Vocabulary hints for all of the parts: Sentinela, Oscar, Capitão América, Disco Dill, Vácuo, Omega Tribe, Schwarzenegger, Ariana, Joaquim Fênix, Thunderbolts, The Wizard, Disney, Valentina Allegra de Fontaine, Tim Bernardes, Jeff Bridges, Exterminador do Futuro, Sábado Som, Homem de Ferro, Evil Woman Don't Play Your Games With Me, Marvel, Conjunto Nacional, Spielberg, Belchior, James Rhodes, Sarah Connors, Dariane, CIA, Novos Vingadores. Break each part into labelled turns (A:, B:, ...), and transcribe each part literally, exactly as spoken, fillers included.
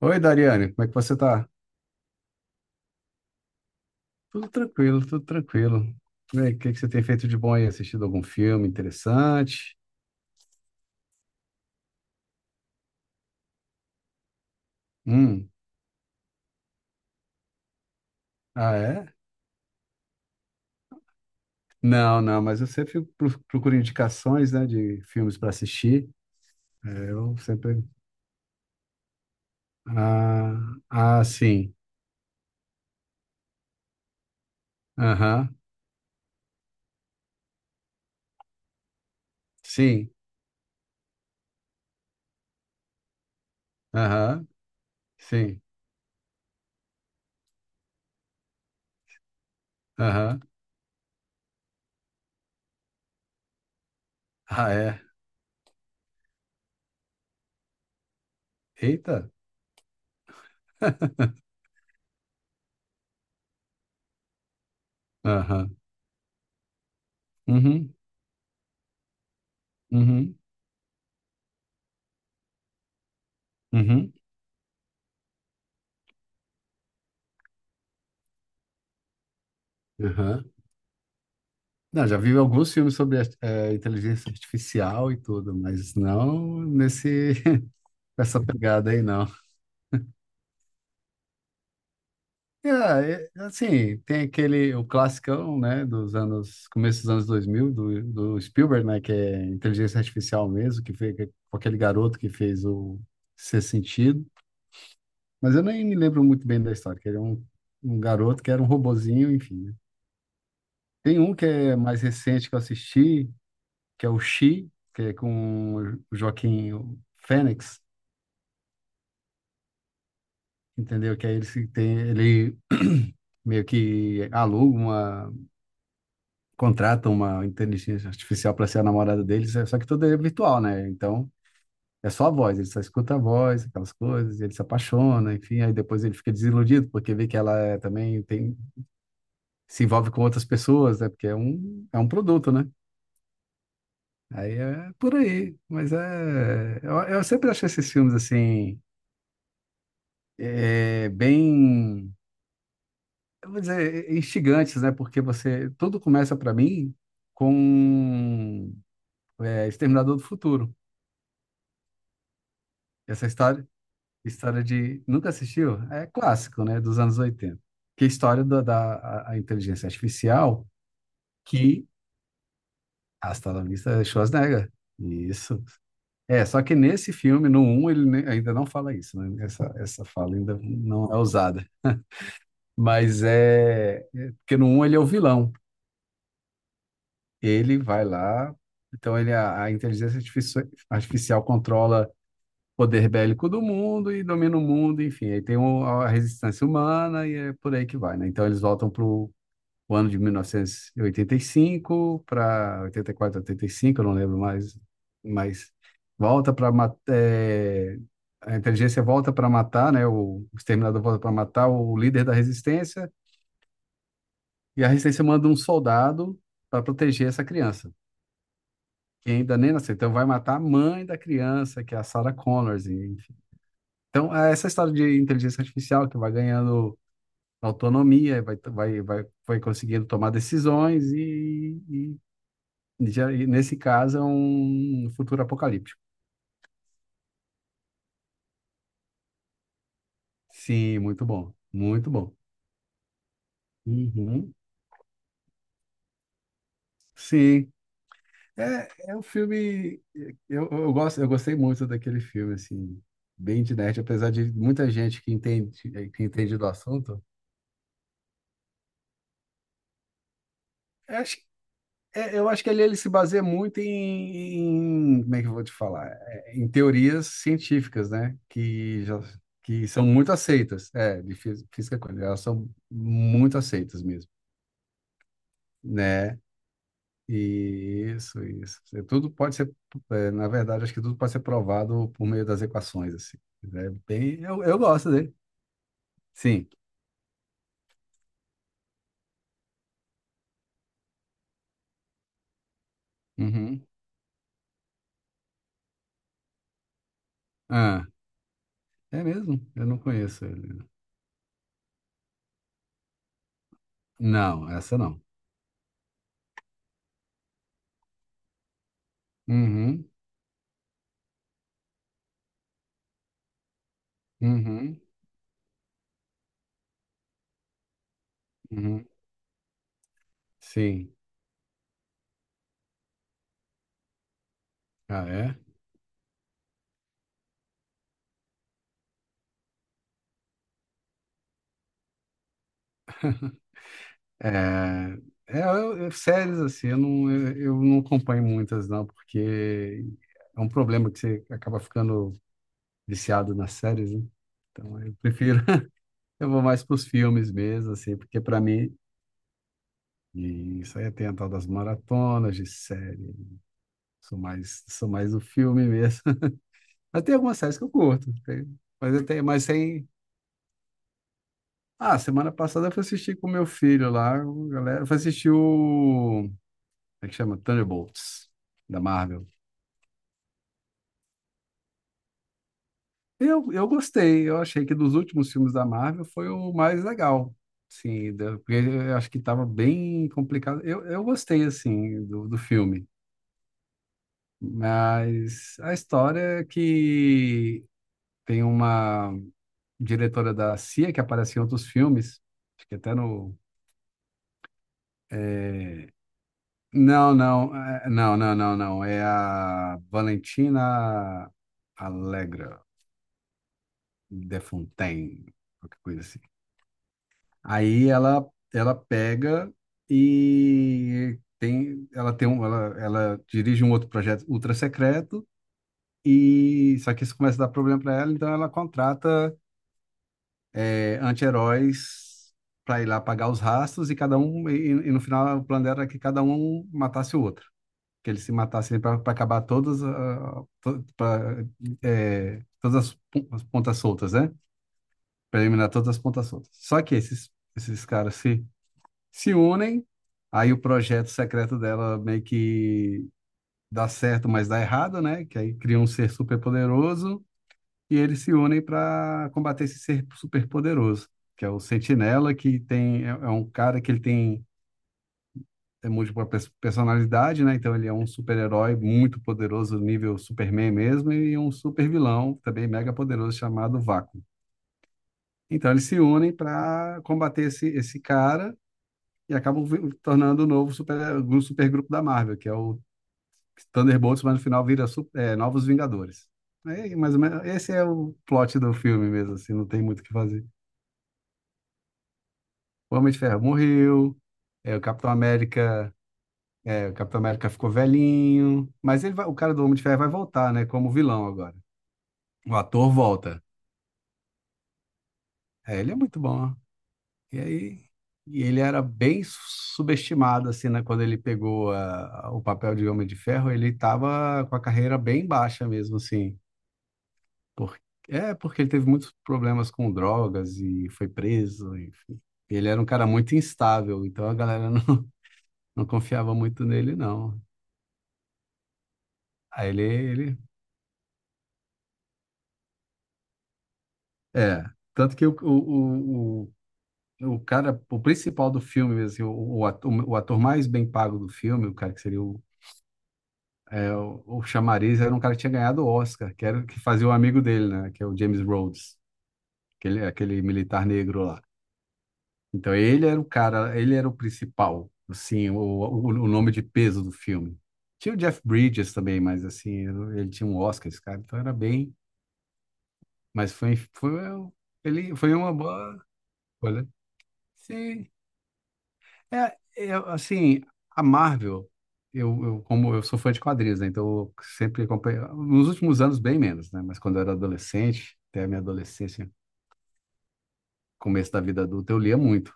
A: Oi, Dariane, como é que você tá? Tudo tranquilo, tudo tranquilo. E aí, o que que você tem feito de bom aí? Assistido algum filme interessante? Hum, ah, é? Não, não, mas eu sempre pro- procuro indicações, né, de filmes para assistir. É, eu sempre. Ah, ah, sim. Aham, sim. Aham, sim. Aham. Ah, é. Eita. Aham. Uhum, uhum, uhum, uhum. Não, já vi alguns filmes sobre eh, inteligência artificial e tudo, mas não nesse com essa pegada aí, não. É, é, assim, tem aquele, o classicão, né, dos anos, começo dos anos dois mil, do, do Spielberg, né, que é inteligência artificial mesmo, que foi com aquele garoto que fez o Ser Sentido, mas eu nem me lembro muito bem da história, que ele é um, um garoto que era um robozinho, enfim, né. Tem um que é mais recente que eu assisti, que é o She, que é com o Joaquim Fênix. Entendeu? Que aí ele, se tem, ele meio que aluga uma, contrata uma inteligência artificial para ser a namorada deles, só que tudo é virtual, né? Então é só a voz, ele só escuta a voz, aquelas coisas, ele se apaixona, enfim, aí depois ele fica desiludido porque vê que ela é, também tem, se envolve com outras pessoas, né? Porque é um, é um produto, né? Aí é por aí, mas é, eu, eu sempre achei esses filmes assim, é, bem, eu vou dizer, é, é instigantes, né? Porque você, tudo começa para mim com é, Exterminador do Futuro. Essa história, história de, nunca assistiu? É clássico, né? Dos anos oitenta. Que é a história da, da a, a inteligência artificial que hasta la vista Schwarzenegger. Isso. É, só que nesse filme, no um ele nem- ainda não fala isso, né? Essa, essa fala ainda não é usada. Mas é, é porque no um ele é o vilão. Ele vai lá, então ele a, a inteligência artifici- artificial controla o poder bélico do mundo e domina o mundo, enfim, aí tem o- a resistência humana e é por aí que vai, né? Então eles voltam para o ano de mil novecentos e e oitenta e cinco, para oitenta oitenta e quatro, oitenta e cinco, eu não lembro mais, mas volta para a inteligência, volta para matar, né? O exterminador volta para matar o líder da resistência, e a resistência manda um soldado para proteger essa criança, que ainda nem nasceu. Então vai matar a mãe da criança, que é a Sarah Connors, enfim. Então, é essa história de inteligência artificial que vai ganhando autonomia, vai, vai, vai, vai conseguindo tomar decisões e, e, e já- e nesse caso, é um futuro apocalíptico. Sim, muito bom, muito bom. Uhum. Sim, é, é um filme, eu, eu gosto, eu gostei muito daquele filme, assim, bem de nerd, apesar de muita gente que entende, que entende do assunto, eu acho. É, eu acho que ali ele se baseia muito em, em- como é que eu vou te falar? É, em teorias científicas, né? Que já, que são muito aceitas, é, de fí- física quântica, elas são muito aceitas mesmo, né? E isso, isso. É, tudo pode ser, é, na verdade, acho que tudo pode ser provado por meio das equações, assim. É bem, eu, eu gosto dele. Sim. Uhum. Ah, é mesmo? Eu não conheço ele. Não, essa não. Uhum, uhum, uhum. Sim. Ah, é? É, é, eu- eu- séries assim, eu não, eu, eu não acompanho muitas não, porque é um problema que você acaba ficando viciado nas séries, né? Então eu prefiro, eu vou mais para os filmes mesmo, assim, porque para mim, e isso aí tem a tal das maratonas de série, sou mais, sou mais do filme mesmo. Mas tem algumas séries que eu curto, tem- mas eu tenho, mas tem... Ah, semana passada eu fui assistir com meu filho lá, o galera, eu fui assistir o, como é que chama? Thunderbolts, da Marvel. Eu, eu gostei, eu achei que dos últimos filmes da Marvel foi o mais legal, sim, da- porque eu acho que estava bem complicado. Eu, eu gostei, assim, do, do filme, mas a história é que tem uma diretora da C I A que aparece em outros filmes, acho que até no... Não, não, é- não, não, não, não, é a Valentina Allegra de Fontaine, qualquer coisa assim. Aí ela ela pega e tem ela tem um ela, ela dirige um outro projeto ultra secreto, e só que isso começa a dar problema para ela, então ela contrata, é, anti-heróis para ir lá pagar os rastros e cada um e, e no final o plano dela era que cada um matasse o outro, que eles se matassem para acabar todas, ah, to- pra, é, todas as pon- as pontas soltas, né? Para eliminar todas as pontas soltas. Só que esses esses caras se unem, aí o projeto secreto dela meio que dá certo, mas dá errado, né? Que aí cria um ser superpoderoso e eles se unem para combater esse ser superpoderoso, que é o Sentinela, que tem, é, é um cara que ele tem é múltipla pers- personalidade, né? Então ele é um super-herói muito poderoso, nível Superman mesmo, e um super-vilão também mega poderoso chamado Vácuo. Então eles se unem para combater esse, esse cara e acabam vi- tornando o novo super, um supergrupo da Marvel, que é o Thunderbolts, mas no final vira su- é, Novos Vingadores. Aí, mais ou menos, esse é o plot do filme mesmo, assim, não tem muito o que fazer. O Homem de Ferro morreu, é, o Capitão América, é, o Capitão América ficou velhinho, mas ele vai- o cara do Homem de Ferro vai voltar, né, como vilão agora. O ator volta. É, ele é muito bom. E aí, e ele era bem subestimado, assim, né? Quando ele pegou a- a- o papel de Homem de Ferro, ele estava com a carreira bem baixa mesmo, assim. Por, é, porque ele teve muitos problemas com drogas e foi preso, enfim. Ele era um cara muito instável, então a galera não, não confiava muito nele, não. Aí ele, ele... É, tanto que o, o, o, o o cara, o principal do filme, assim, o, o ator, o ator mais bem pago do filme, o cara que seria o, é, o, o chamariz era um cara que tinha ganhado o Oscar, que era o que fazia o amigo dele, né? Que é o James Rhodes, aquele, aquele militar negro lá. Então ele era o cara, ele era o principal, assim, o, o, o nome de peso do filme. Tinha o Jeff Bridges também, mas assim, ele tinha um Oscar, esse cara, então era bem. Mas foi, foi, ele, foi uma boa. Olha, sim, é, eu, assim, a Marvel, eu, eu, como eu sou fã de quadrinhos, né? Então eu sempre acompanhei, nos últimos anos bem menos, né? Mas quando eu era adolescente, até a minha adolescência, começo da vida adulta, eu lia muito.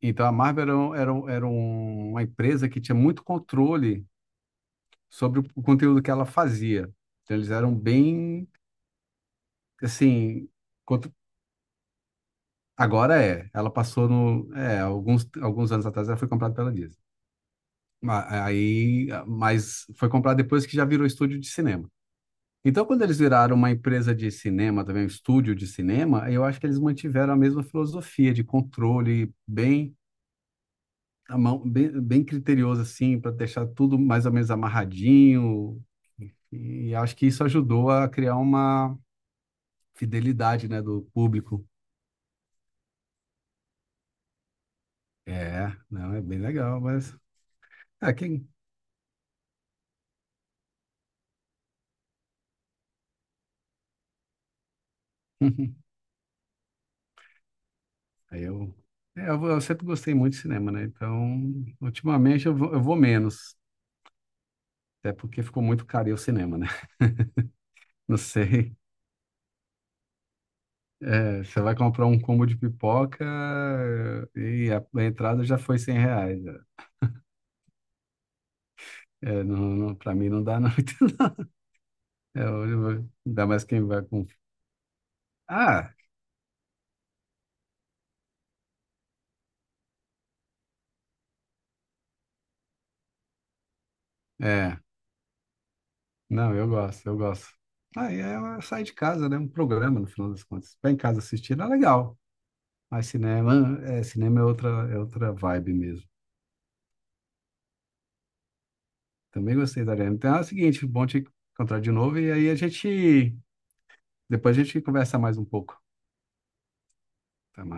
A: Então a Marvel era, um- era, um- era um- uma empresa que tinha muito controle sobre o conteúdo que ela fazia. Então eles eram bem, assim, contro- agora é, ela passou no, é, alguns, alguns anos atrás ela foi comprada pela Disney. Ma- Aí, mas foi comprada depois que já virou estúdio de cinema. Então, quando eles viraram uma empresa de cinema, também um estúdio de cinema, eu acho que eles mantiveram a mesma filosofia de controle bem à mão, bem, bem criterioso assim, para deixar tudo mais ou menos amarradinho. E acho que isso ajudou a criar uma fidelidade, né, do público. É, não, é bem legal, mas é quem Aí eu, é, eu, eu sempre gostei muito de cinema, né? Então, ultimamente eu vou, eu vou menos, até porque ficou muito caro ir ao cinema, né? Não sei. É, você vai comprar um combo de pipoca e a, a entrada já foi cem reais. Já. É, não, não, pra mim não dá não. É, hoje eu vou- ainda mais quem vai com... Ah, é. Não, eu gosto, eu gosto. Aí é uma- sai de casa, né? Um programa, no final das contas. Ficar em casa assistindo é legal. Mas cinema, é, cinema é outra, é outra vibe mesmo. Também gostei da Ariana. Então é o seguinte, bom te encontrar de novo e aí a gente... Depois a gente conversa mais um pouco. Tá.